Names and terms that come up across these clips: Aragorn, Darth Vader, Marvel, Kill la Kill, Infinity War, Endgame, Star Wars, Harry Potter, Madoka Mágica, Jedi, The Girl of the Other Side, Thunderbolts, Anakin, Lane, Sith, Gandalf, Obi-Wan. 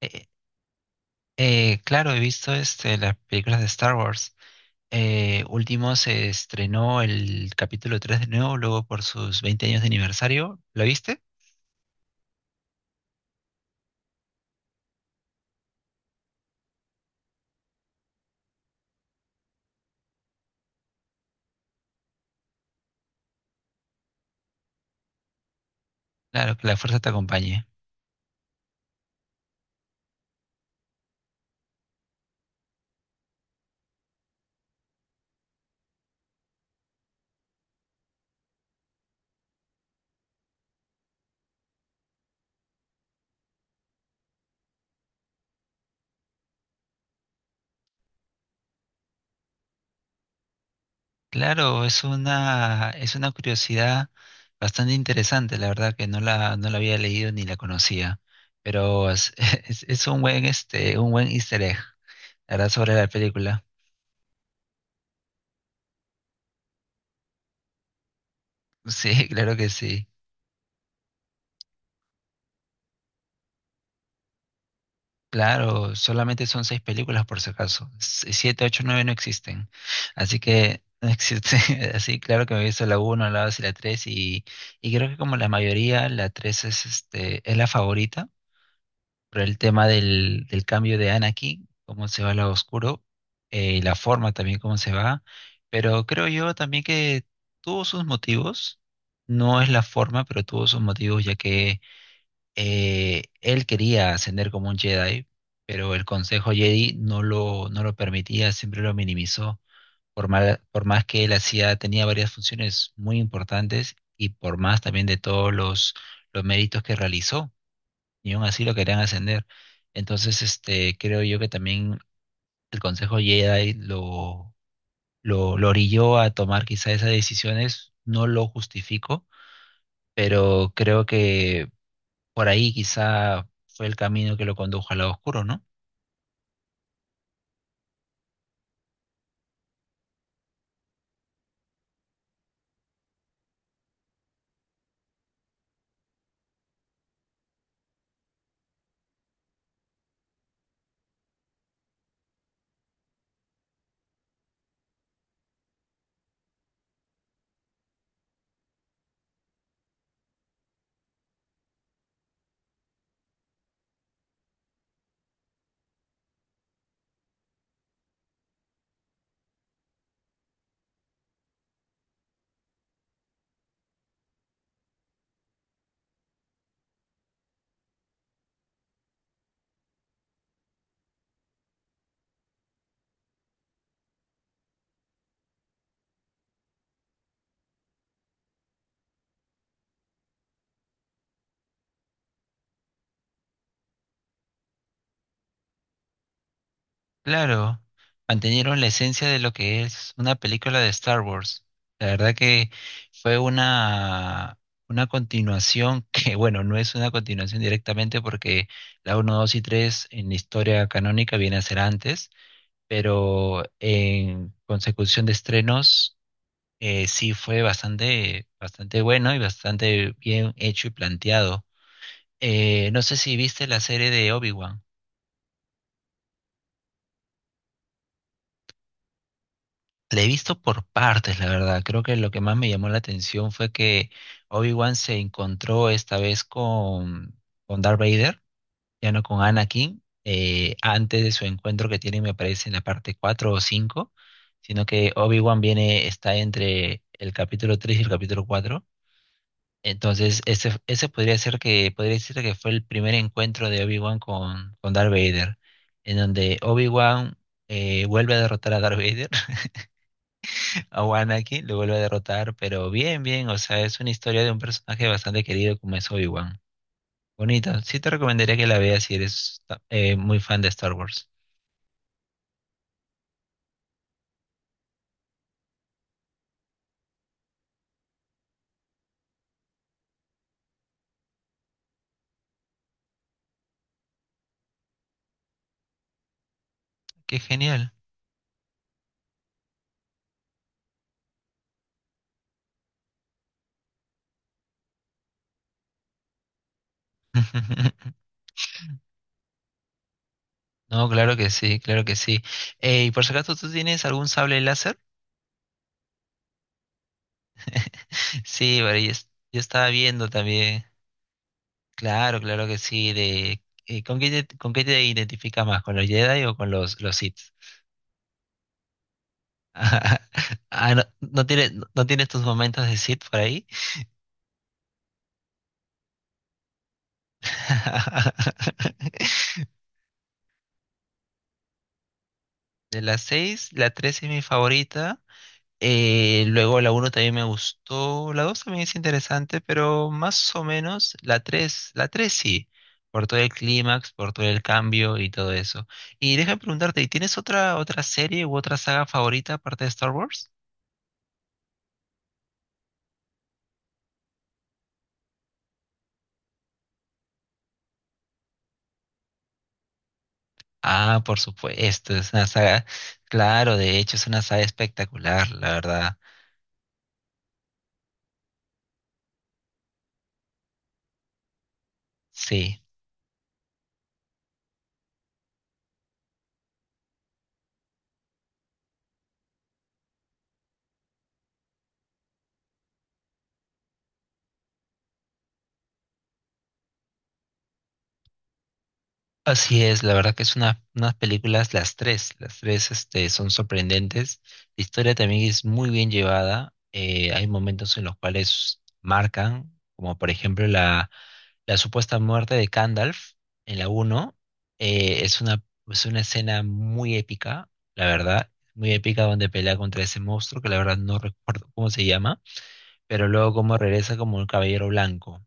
Eh, claro, he visto las películas de Star Wars. Último se estrenó el capítulo 3 de nuevo, luego por sus 20 años de aniversario. ¿Lo viste? Claro, que la fuerza te acompañe. Claro, es una curiosidad bastante interesante, la verdad que no la había leído ni la conocía, pero es, es un buen easter egg, la verdad, sobre la película. Sí, claro que sí. Claro, solamente son seis películas por si acaso. Siete, ocho, nueve no existen. Así que no existe. Así, claro que me he visto la uno, la dos y la tres. Y creo que como la mayoría, la tres es la favorita. Por el tema del cambio de Anakin, cómo se va al lado oscuro, y la forma también cómo se va. Pero creo yo también que tuvo sus motivos. No es la forma, pero tuvo sus motivos, ya que él quería ascender como un Jedi, pero el Consejo Jedi no lo permitía, siempre lo minimizó. Por más que él hacía, tenía varias funciones muy importantes y por más también de todos los méritos que realizó, y aún así lo querían ascender. Entonces, creo yo que también el Consejo Jedi lo orilló a tomar quizá esas decisiones. No lo justifico, pero creo que por ahí quizá fue el camino que lo condujo al lado oscuro, ¿no? Claro, mantenieron la esencia de lo que es una película de Star Wars. La verdad que fue una continuación que, bueno, no es una continuación directamente porque la uno 2 y 3 en la historia canónica viene a ser antes, pero en consecución de estrenos sí fue bastante, bastante bueno y bastante bien hecho y planteado. No sé si viste la serie de Obi-Wan. La he visto por partes, la verdad. Creo que lo que más me llamó la atención fue que Obi-Wan se encontró esta vez con Darth Vader, ya no con Anakin, antes de su encuentro que tienen, me parece, en la parte 4 o 5, sino que Obi-Wan viene, está entre el capítulo 3 y el capítulo 4. Entonces, ese podría ser que, podría decirte que fue el primer encuentro de Obi-Wan con Darth Vader, en donde Obi-Wan vuelve a derrotar a Darth Vader, a Anakin lo vuelve a derrotar, pero bien, bien, o sea, es una historia de un personaje bastante querido como es Obi-Wan. Bonito, sí te recomendaría que la veas si eres muy fan de Star Wars. ¡Qué genial! No, claro que sí, claro que sí. ¿Y por si acaso tú tienes algún sable láser? Sí, pero yo estaba viendo también. Claro, claro que sí. ¿Con qué te identificas más? ¿Con los Jedi o con los Sith? Ah, no, no tienes tus momentos de Sith por ahí. De las seis, la tres es mi favorita. Luego la uno también me gustó. La dos también es interesante, pero más o menos la tres sí. Por todo el clímax, por todo el cambio y todo eso. Y déjame preguntarte, ¿y tienes otra serie u otra saga favorita aparte de Star Wars? Ah, por supuesto, es una saga, claro, de hecho es una saga espectacular, la verdad, sí, así es, la verdad que es unas películas, las tres, son sorprendentes, la historia también es muy bien llevada, hay momentos en los cuales marcan, como por ejemplo la supuesta muerte de Gandalf en la uno, eh, es una, es una escena muy épica, la verdad, muy épica donde pelea contra ese monstruo que la verdad no recuerdo cómo se llama, pero luego como regresa como un caballero blanco.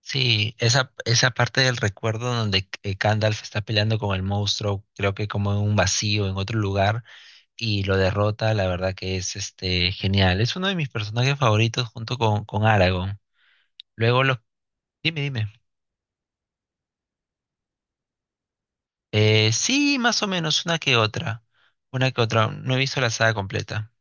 Sí, esa parte del recuerdo donde Gandalf está peleando con el monstruo, creo que como en un vacío, en otro lugar, y lo derrota, la verdad que es genial. Es uno de mis personajes favoritos junto con Aragorn. Luego los... Dime, dime. Sí, más o menos, una que otra. Una que otra. No he visto la saga completa.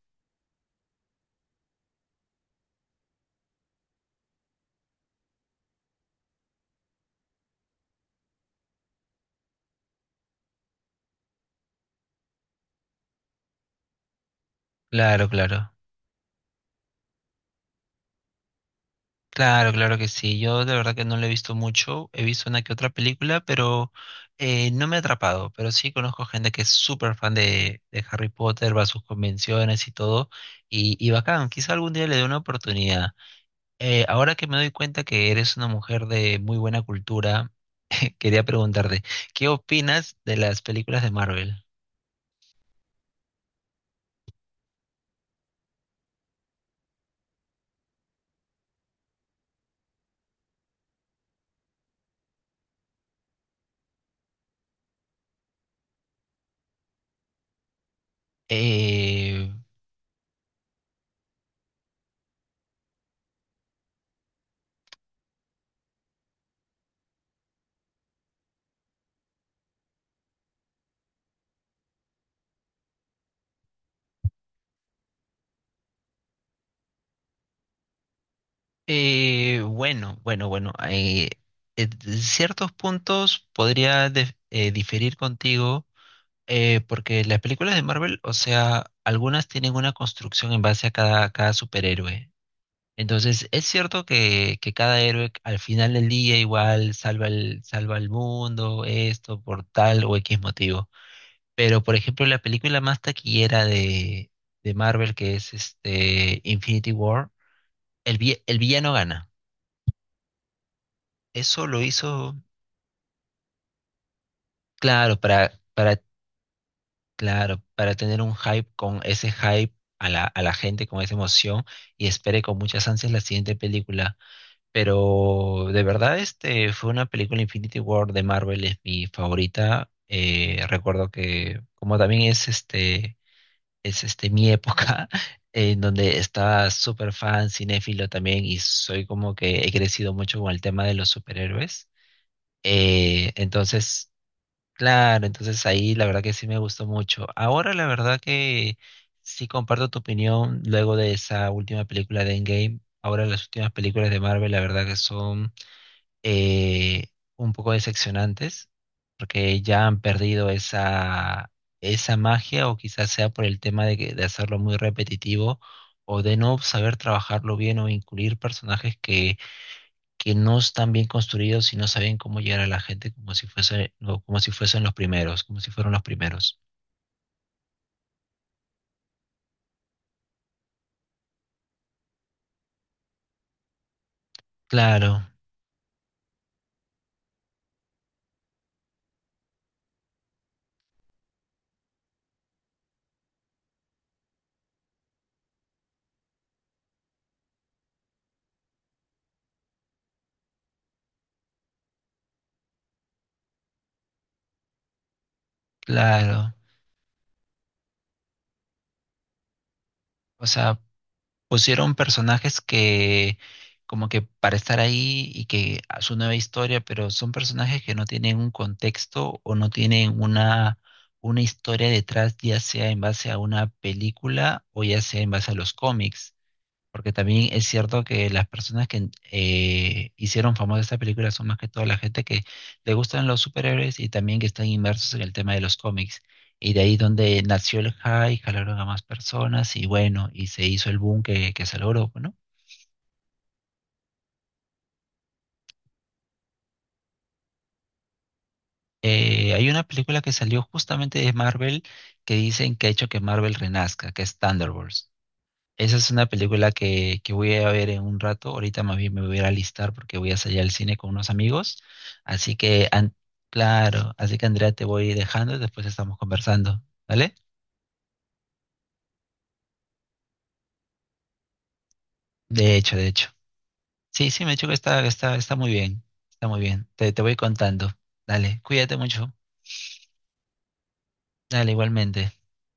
Claro, claro. Claro, claro que sí. Yo de verdad que no lo he visto mucho. He visto una que otra película, pero no me ha atrapado. Pero sí conozco gente que es súper fan de Harry Potter, va a sus convenciones y todo. Y bacán, quizá algún día le dé una oportunidad. Ahora que me doy cuenta que eres una mujer de muy buena cultura, quería preguntarte, ¿qué opinas de las películas de Marvel? Eh, bueno, bueno, bueno. En ciertos puntos podría diferir contigo, porque las películas de Marvel, o sea, algunas tienen una construcción en base a cada superhéroe. Entonces, es cierto que cada héroe al final del día igual salva el mundo, esto, por tal o X motivo. Pero, por ejemplo, la película más taquillera de Marvel, que es este Infinity War, el villano gana. Eso lo hizo, claro, claro, para tener un hype con ese hype a la gente, con esa emoción, y espere con muchas ansias la siguiente película. Pero de verdad, este fue una película Infinity War de Marvel, es mi favorita. Recuerdo que, como también es este mi época, en donde estaba súper fan, cinéfilo también, y soy como que he crecido mucho con el tema de los superhéroes. Eh, entonces Claro, entonces ahí la verdad que sí me gustó mucho. Ahora la verdad que sí comparto tu opinión luego de esa última película de Endgame. Ahora las últimas películas de Marvel la verdad que son eh, un poco decepcionantes porque ya han perdido esa magia, o quizás sea por el tema de hacerlo muy repetitivo, o de no saber trabajarlo bien, o incluir personajes que no están bien construidos y no saben cómo llegar a la gente como si fuese, no, como si fuesen los primeros, como si fueron los primeros. Claro, claro. O sea, pusieron personajes que como que para estar ahí y que a su nueva historia, pero son personajes que no tienen un contexto o no tienen una historia detrás, ya sea en base a una película o ya sea en base a los cómics. Porque también es cierto que las personas que hicieron famosa esta película son más que todo la gente que le gustan los superhéroes y también que están inmersos en el tema de los cómics. Y de ahí donde nació el hype, jalaron a más personas y bueno, y se hizo el boom que se logró, ¿no? Hay una película que salió justamente de Marvel que dicen que ha hecho que Marvel renazca, que es Thunderbolts. Esa es una película que voy a ver en un rato. Ahorita más bien me voy a ir a alistar porque voy a salir al cine con unos amigos. Así que, an- claro, así que Andrea te voy dejando y después estamos conversando, ¿vale? De hecho, de hecho. Sí, sí, me he dicho que está muy bien. Está muy bien. Te voy contando. Dale, cuídate mucho. Dale, igualmente.